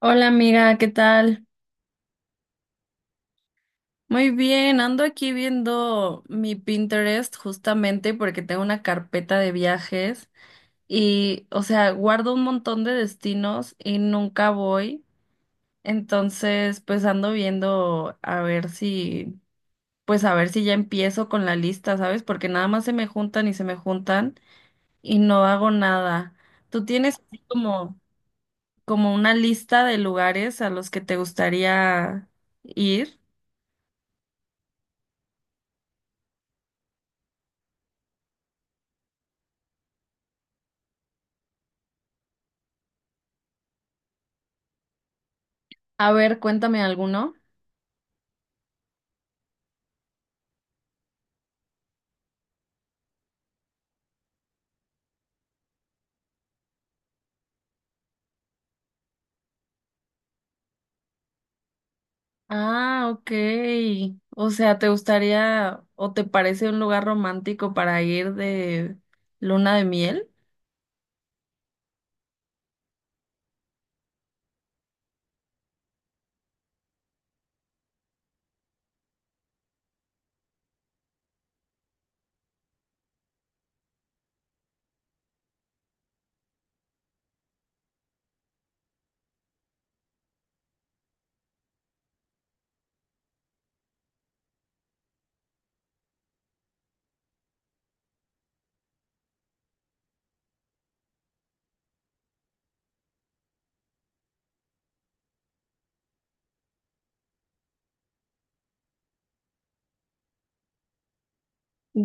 Hola amiga, ¿qué tal? Muy bien, ando aquí viendo mi Pinterest justamente porque tengo una carpeta de viajes y, o sea, guardo un montón de destinos y nunca voy. Entonces, pues ando viendo a ver si, pues a ver si ya empiezo con la lista, ¿sabes? Porque nada más se me juntan y se me juntan y no hago nada. ¿Tú tienes así como una lista de lugares a los que te gustaría ir? A ver, cuéntame alguno. Ah, ok. O sea, ¿te gustaría o te parece un lugar romántico para ir de luna de miel?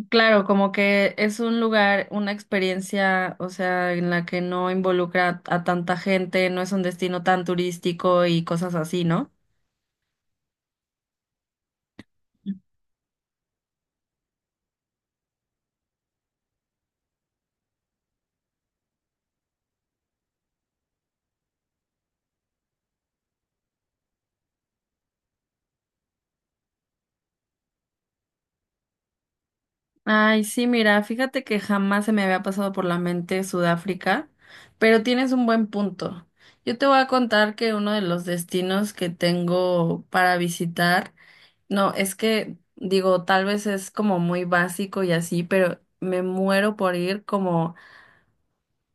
Claro, como que es un lugar, una experiencia, o sea, en la que no involucra a tanta gente, no es un destino tan turístico y cosas así, ¿no? Ay, sí, mira, fíjate que jamás se me había pasado por la mente Sudáfrica, pero tienes un buen punto. Yo te voy a contar que uno de los destinos que tengo para visitar, no, es que digo, tal vez es como muy básico y así, pero me muero por ir como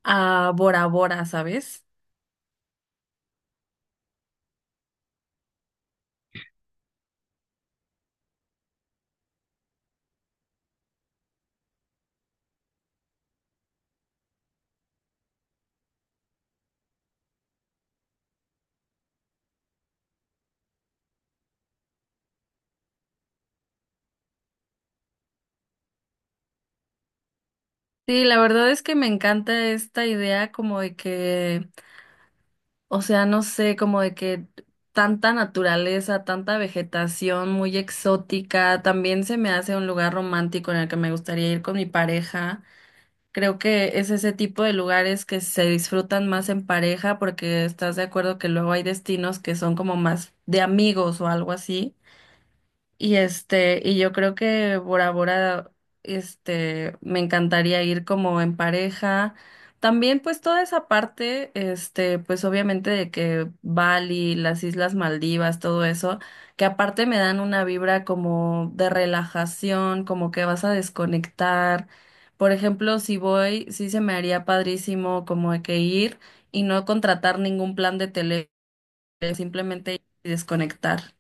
a Bora Bora, ¿sabes? Sí, la verdad es que me encanta esta idea como de que, o sea, no sé, como de que tanta naturaleza, tanta vegetación muy exótica, también se me hace un lugar romántico en el que me gustaría ir con mi pareja. Creo que es ese tipo de lugares que se disfrutan más en pareja porque estás de acuerdo que luego hay destinos que son como más de amigos o algo así. Y yo creo que Bora Bora, me encantaría ir como en pareja. También, pues, toda esa parte, pues obviamente de que Bali, las Islas Maldivas, todo eso, que aparte me dan una vibra como de relajación, como que vas a desconectar. Por ejemplo, si voy, sí se me haría padrísimo como de que ir y no contratar ningún plan de tele, simplemente ir y desconectar.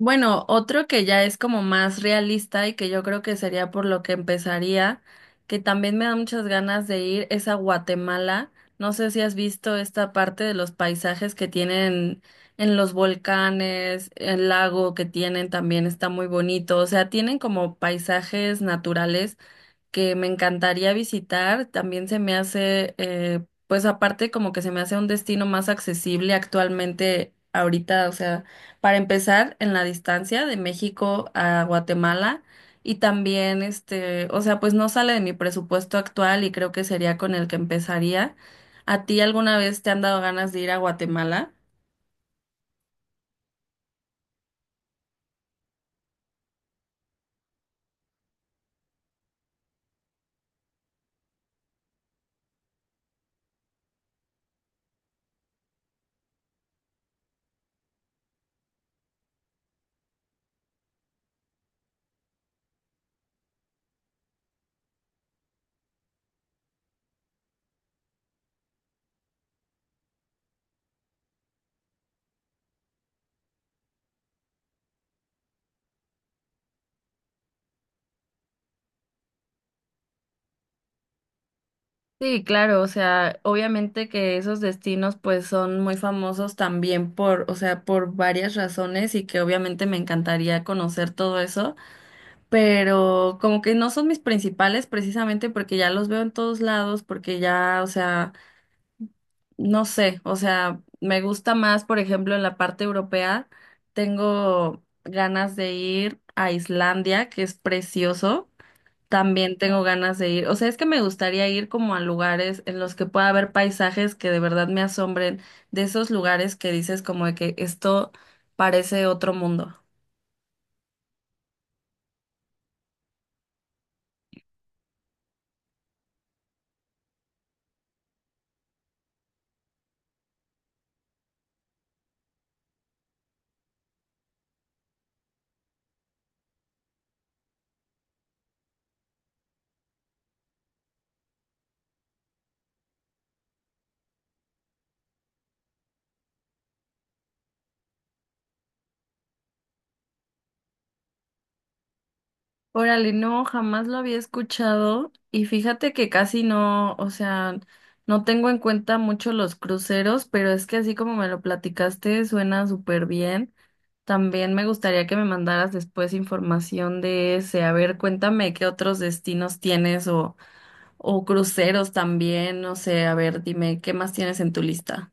Bueno, otro que ya es como más realista y que yo creo que sería por lo que empezaría, que también me da muchas ganas de ir, es a Guatemala. No sé si has visto esta parte de los paisajes que tienen en los volcanes, el lago que tienen también está muy bonito. O sea, tienen como paisajes naturales que me encantaría visitar. También se me hace, pues aparte como que se me hace un destino más accesible actualmente ahorita, o sea, para empezar en la distancia de México a Guatemala y también o sea, pues no sale de mi presupuesto actual y creo que sería con el que empezaría. ¿A ti alguna vez te han dado ganas de ir a Guatemala? Sí, claro, o sea, obviamente que esos destinos pues son muy famosos también por, o sea, por varias razones y que obviamente me encantaría conocer todo eso, pero como que no son mis principales precisamente porque ya los veo en todos lados, porque ya, o sea, no sé, o sea, me gusta más, por ejemplo, en la parte europea, tengo ganas de ir a Islandia, que es precioso. También tengo ganas de ir. O sea, es que me gustaría ir como a lugares en los que pueda haber paisajes que de verdad me asombren, de esos lugares que dices como de que esto parece otro mundo. Órale, no, jamás lo había escuchado y fíjate que casi no, o sea, no tengo en cuenta mucho los cruceros, pero es que así como me lo platicaste suena súper bien. También me gustaría que me mandaras después información de ese. A ver, cuéntame qué otros destinos tienes o cruceros también, no sé, a ver, dime, ¿qué más tienes en tu lista?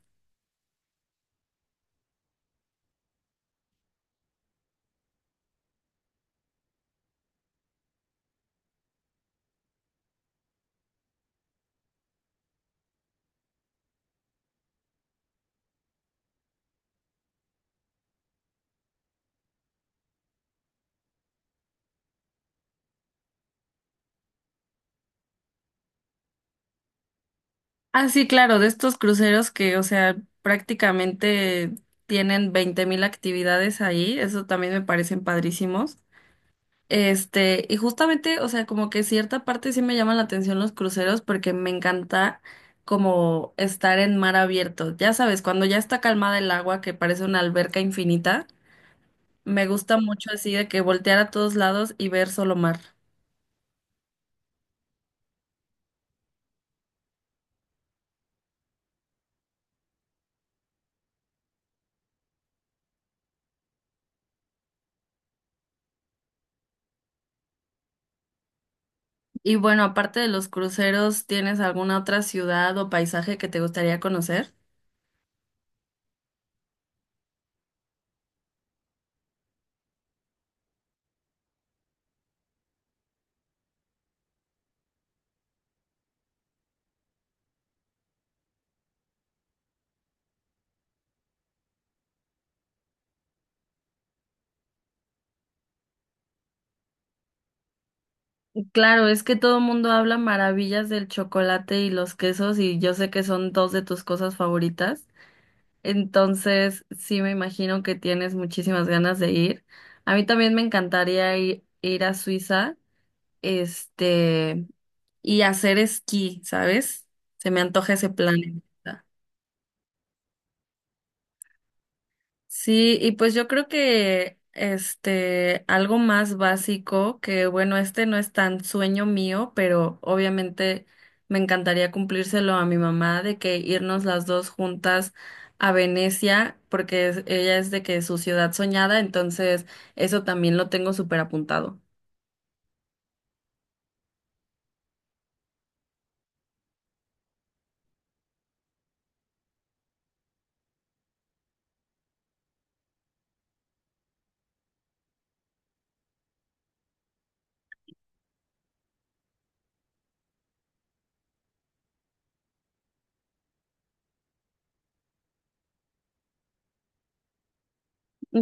Ah, sí, claro, de estos cruceros que, o sea, prácticamente tienen 20,000 actividades ahí, eso también me parecen padrísimos. Y justamente, o sea, como que cierta parte sí me llaman la atención los cruceros porque me encanta como estar en mar abierto. Ya sabes, cuando ya está calmada el agua, que parece una alberca infinita, me gusta mucho así de que voltear a todos lados y ver solo mar. Y bueno, aparte de los cruceros, ¿tienes alguna otra ciudad o paisaje que te gustaría conocer? Claro, es que todo el mundo habla maravillas del chocolate y los quesos y yo sé que son dos de tus cosas favoritas. Entonces, sí me imagino que tienes muchísimas ganas de ir. A mí también me encantaría ir a Suiza, este, y hacer esquí, ¿sabes? Se me antoja ese plan. Sí, y pues yo creo que algo más básico, que bueno, no es tan sueño mío, pero obviamente me encantaría cumplírselo a mi mamá de que irnos las dos juntas a Venecia, porque ella es de que su ciudad soñada, entonces eso también lo tengo súper apuntado.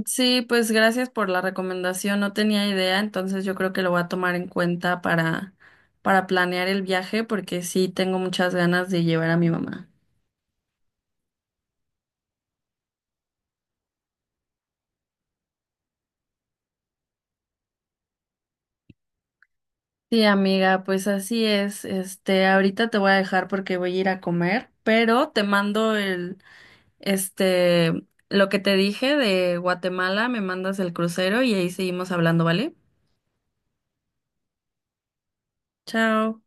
Sí, pues gracias por la recomendación, no tenía idea, entonces yo creo que lo voy a tomar en cuenta para planear el viaje, porque sí tengo muchas ganas de llevar a mi mamá. Sí, amiga, pues así es. Ahorita te voy a dejar porque voy a ir a comer, pero te mando el, este, lo que te dije de Guatemala, me mandas el crucero y ahí seguimos hablando, ¿vale? Chao.